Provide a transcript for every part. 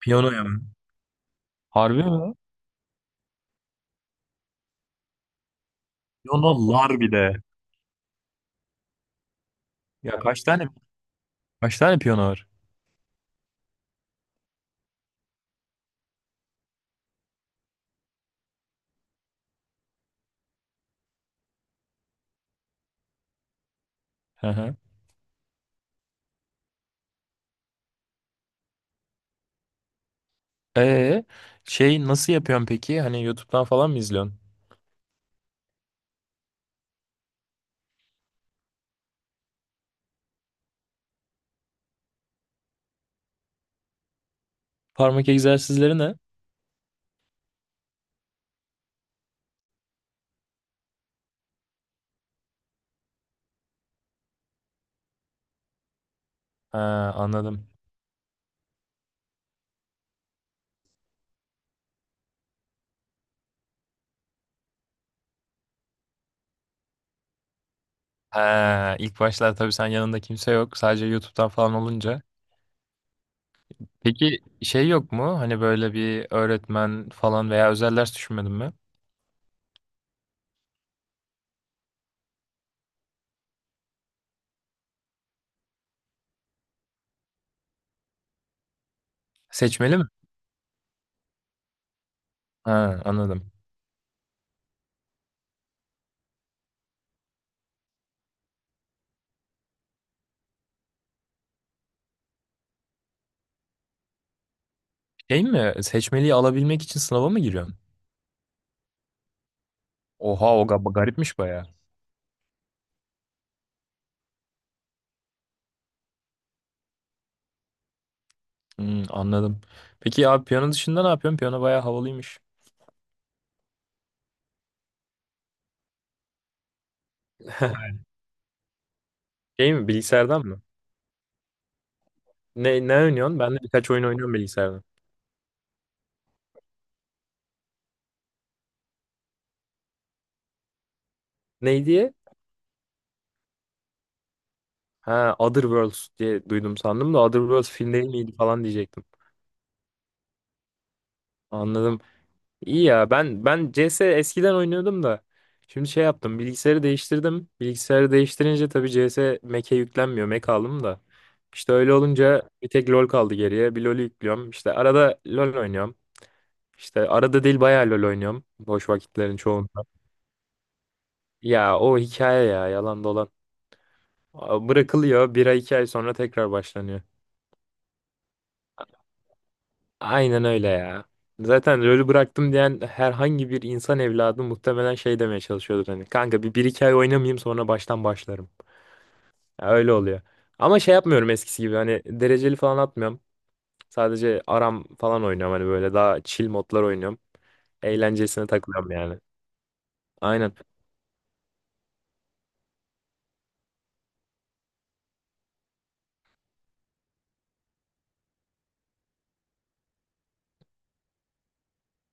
Piyanoya mı? Harbi mi? Piyanolar bir de. Ya kaç tane Kaç tane piyano var? Hı hı. Ee, Şey nasıl yapıyorsun peki? Hani YouTube'dan falan mı izliyorsun? Parmak egzersizleri ne? Ha, anladım. Ha, ilk başlar tabii, sen yanında kimse yok. Sadece YouTube'dan falan olunca. Peki şey yok mu? Hani böyle bir öğretmen falan veya özel ders düşünmedin mi? Seçmeli mi? Ha, anladım. Şey mi? Seçmeliyi alabilmek için sınava mı giriyorsun? Oha, o garipmiş baya. Hmm, anladım. Peki ya piyano dışında ne yapıyorsun? Piyano bayağı havalıymış. Şey mi, bilgisayardan mı? Ne oynuyorsun? Ben de birkaç oyun oynuyorum bilgisayardan. Ne diye? Ha, Other Worlds diye duydum sandım da Other Worlds film değil miydi falan diyecektim. Anladım. İyi ya, ben CS eskiden oynuyordum da şimdi şey yaptım, bilgisayarı değiştirdim. Bilgisayarı değiştirince tabii CS Mac'e yüklenmiyor. Mac aldım da. İşte öyle olunca bir tek LoL kaldı geriye. Bir LoL'ü yüklüyorum. İşte arada LoL oynuyorum. İşte arada değil, bayağı LoL oynuyorum. Boş vakitlerin çoğunda. Ya o hikaye ya yalan dolan. Bırakılıyor, bir ay iki ay sonra tekrar başlanıyor. Aynen öyle ya. Zaten LoL'ü bıraktım diyen herhangi bir insan evladı muhtemelen şey demeye çalışıyordur hani. Kanka bir iki ay oynamayayım, sonra baştan başlarım. Ya öyle oluyor. Ama şey yapmıyorum eskisi gibi, hani dereceli falan atmıyorum. Sadece aram falan oynuyorum, hani böyle daha chill modlar oynuyorum. Eğlencesine takılıyorum yani. Aynen.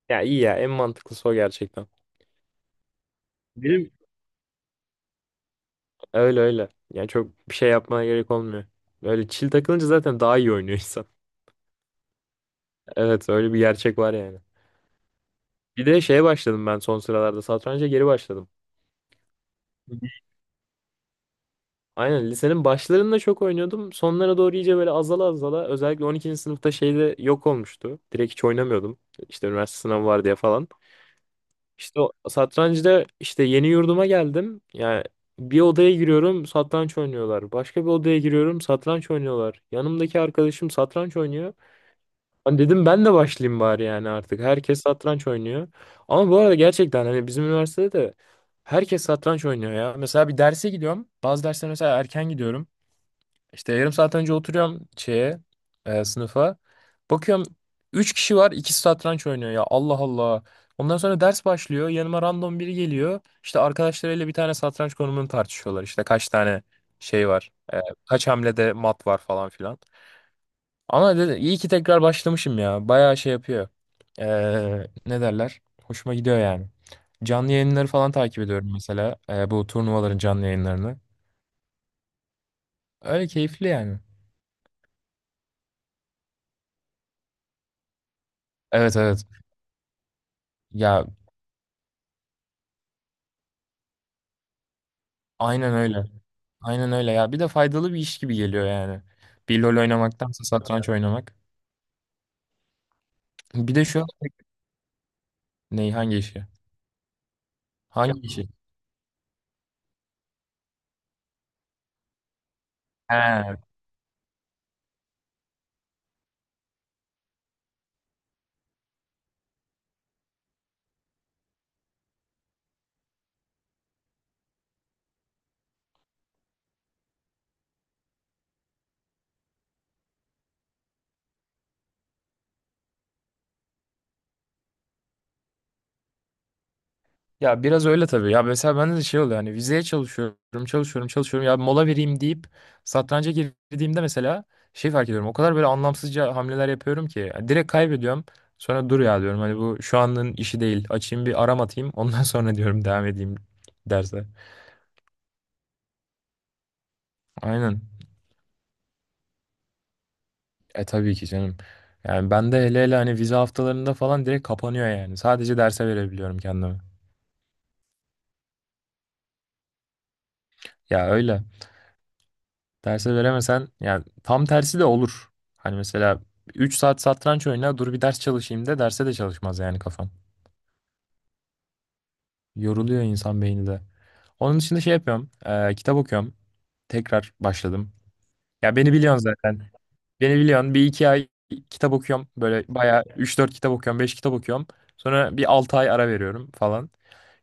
Ya iyi ya, en mantıklısı o gerçekten. Benim Öyle öyle. Yani çok bir şey yapmaya gerek olmuyor. Öyle chill takılınca zaten daha iyi oynuyor insan. Evet, öyle bir gerçek var yani. Bir de şeye başladım ben son sıralarda. Satranca geri başladım. Aynen, lisenin başlarında çok oynuyordum. Sonlara doğru iyice böyle azala azala, özellikle 12. sınıfta şeyde yok olmuştu. Direkt hiç oynamıyordum. İşte üniversite sınavı var diye falan. İşte o satrancıda işte, yeni yurduma geldim. Yani bir odaya giriyorum, satranç oynuyorlar. Başka bir odaya giriyorum, satranç oynuyorlar. Yanımdaki arkadaşım satranç oynuyor. Hani dedim ben de başlayayım bari yani artık. Herkes satranç oynuyor. Ama bu arada gerçekten hani bizim üniversitede de herkes satranç oynuyor ya. Mesela bir derse gidiyorum. Bazı dersler mesela erken gidiyorum. İşte yarım saat önce oturuyorum şeye, sınıfa. Bakıyorum 3 kişi var, ikisi satranç oynuyor ya. Allah Allah. Ondan sonra ders başlıyor. Yanıma random biri geliyor. İşte arkadaşlarıyla bir tane satranç konumunu tartışıyorlar. İşte kaç tane şey var. Kaç hamlede mat var falan filan. Ama iyi ki tekrar başlamışım ya. Bayağı şey yapıyor. Ne derler? Hoşuma gidiyor yani. Canlı yayınları falan takip ediyorum mesela. Bu turnuvaların canlı yayınlarını. Öyle keyifli yani. Evet evet. Ya aynen öyle. Aynen öyle ya. Bir de faydalı bir iş gibi geliyor yani. Bir LoL oynamaktansa satranç oynamak. Bir de şu. Neyi, hangi işi? Hangi işi? He, ya biraz öyle tabii. Ya mesela bende de şey oluyor, hani vizeye çalışıyorum, çalışıyorum, çalışıyorum. Ya mola vereyim deyip satranca girdiğimde mesela şey fark ediyorum. O kadar böyle anlamsızca hamleler yapıyorum ki ya, direkt kaybediyorum. Sonra dur ya diyorum, hani bu şu anın işi değil. Açayım bir aram atayım. Ondan sonra diyorum, devam edeyim derse. Aynen. E tabii ki canım. Yani bende hele hele hani vize haftalarında falan direkt kapanıyor yani. Sadece derse verebiliyorum kendimi. Ya öyle. Derse veremesen yani, tam tersi de olur. Hani mesela 3 saat satranç oyna, dur bir ders çalışayım de, derse de çalışmaz yani kafan. Yoruluyor insan beyni de. Onun dışında şey yapıyorum. Kitap okuyorum. Tekrar başladım. Ya beni biliyorsun zaten. Beni biliyorsun. Bir iki ay kitap okuyorum. Böyle bayağı üç dört kitap okuyorum. Beş kitap okuyorum. Sonra bir 6 ay ara veriyorum falan.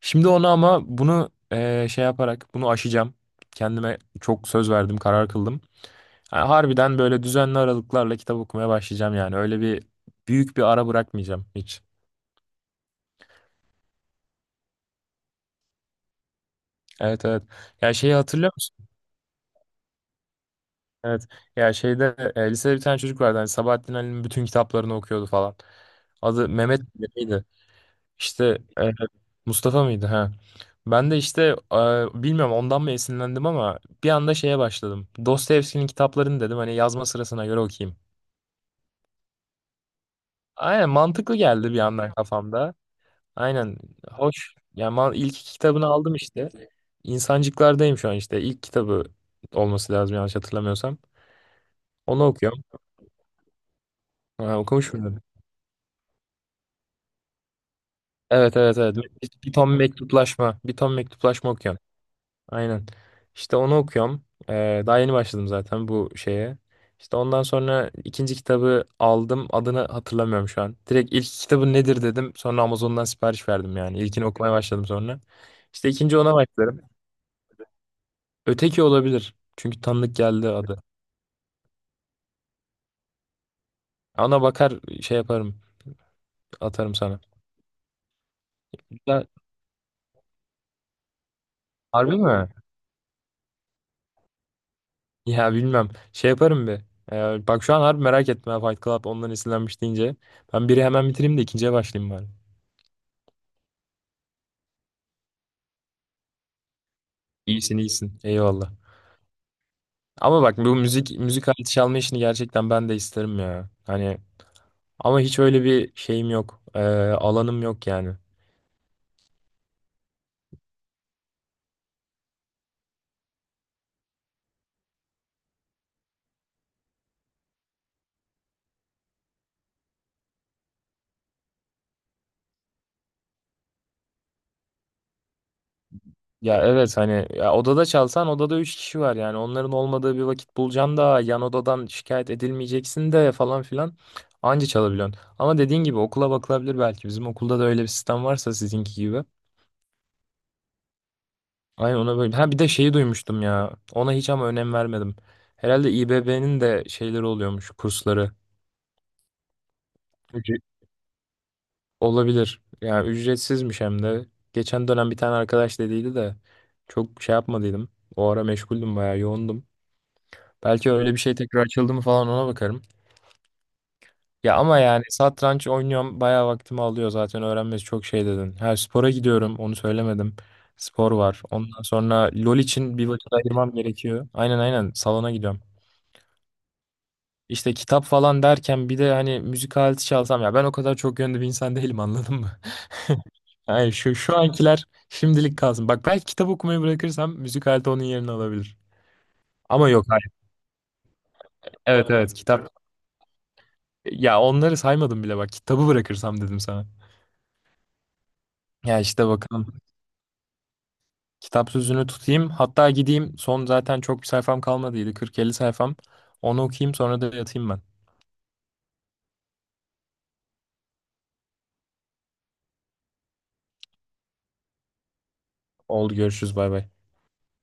Şimdi onu, ama bunu şey yaparak bunu aşacağım. Kendime çok söz verdim. Karar kıldım. Ha, harbiden böyle düzenli aralıklarla kitap okumaya başlayacağım yani. Öyle bir büyük bir ara bırakmayacağım hiç. Evet evet. Ya şeyi hatırlıyor musun? Evet. Ya şeyde lisede bir tane çocuk vardı. Hani Sabahattin Ali'nin bütün kitaplarını okuyordu falan. Adı Mehmet miydi? İşte e, Mustafa mıydı? Ha. Ben de işte bilmiyorum ondan mı esinlendim, ama bir anda şeye başladım. Dostoyevski'nin kitaplarını dedim hani yazma sırasına göre okuyayım. Aynen, mantıklı geldi bir anda kafamda. Aynen. Hoş. Yani ilk iki kitabını aldım işte. İnsancıklardayım şu an işte. İlk kitabı olması lazım, yanlış hatırlamıyorsam. Onu okuyorum. Ha, okumuş muydun? Evet evet evet. Bir ton mektuplaşma. Bir ton mektuplaşma okuyorum. Aynen. İşte onu okuyorum. Daha yeni başladım zaten bu şeye. İşte ondan sonra ikinci kitabı aldım. Adını hatırlamıyorum şu an. Direkt ilk kitabı nedir dedim. Sonra Amazon'dan sipariş verdim yani. İlkini okumaya başladım sonra. İşte ikinci ona başladım. Öteki olabilir. Çünkü tanıdık geldi adı. Ona bakar, şey yaparım. Atarım sana. Hatta- Harbi mi? Ya bilmem. Şey yaparım bir. Bak şu an harbi merak etme ha, Fight Club ondan esinlenmiş deyince. Ben biri hemen bitireyim de ikinciye başlayayım bari. İyisin iyisin. Eyvallah. Ama bak, bu müzik aleti çalma işini gerçekten ben de isterim ya. Hani ama hiç öyle bir şeyim yok. Alanım yok yani. Ya evet hani, ya odada çalsan odada 3 kişi var yani, onların olmadığı bir vakit bulacaksın da, yan odadan şikayet edilmeyeceksin de falan filan anca çalabiliyorsun. Ama dediğin gibi okula bakılabilir belki, bizim okulda da öyle bir sistem varsa sizinki gibi. Aynen, ona böyle. Ha, bir de şeyi duymuştum ya, ona hiç ama önem vermedim. Herhalde İBB'nin de şeyleri oluyormuş, kursları. Ücre- Olabilir yani, ücretsizmiş hem de. Geçen dönem bir tane arkadaş dediydi de çok şey yapmadıydım. O ara meşguldüm, bayağı yoğundum. Belki öyle bir şey tekrar açıldı mı falan, ona bakarım. Ya ama yani satranç oynuyorum bayağı vaktimi alıyor zaten, öğrenmesi çok şey dedin. Her spora gidiyorum, onu söylemedim. Spor var. Ondan sonra LOL için bir vakit ayırmam gerekiyor. Aynen aynen, salona gidiyorum. İşte kitap falan derken bir de hani müzik aleti çalsam ya, ben o kadar çok yönlü bir insan değilim, anladın mı? Yani şu ankiler şimdilik kalsın. Bak, belki kitap okumayı bırakırsam müzik aleti onun yerini alabilir. Ama yok, hayır. Evet evet, kitap. Ya onları saymadım bile, bak kitabı bırakırsam dedim sana. Ya işte bakalım. Kitap sözünü tutayım. Hatta gideyim. Son zaten çok bir sayfam kalmadıydı. 40-50 sayfam. Onu okuyayım, sonra da yatayım ben. Oldu, görüşürüz, bay bay.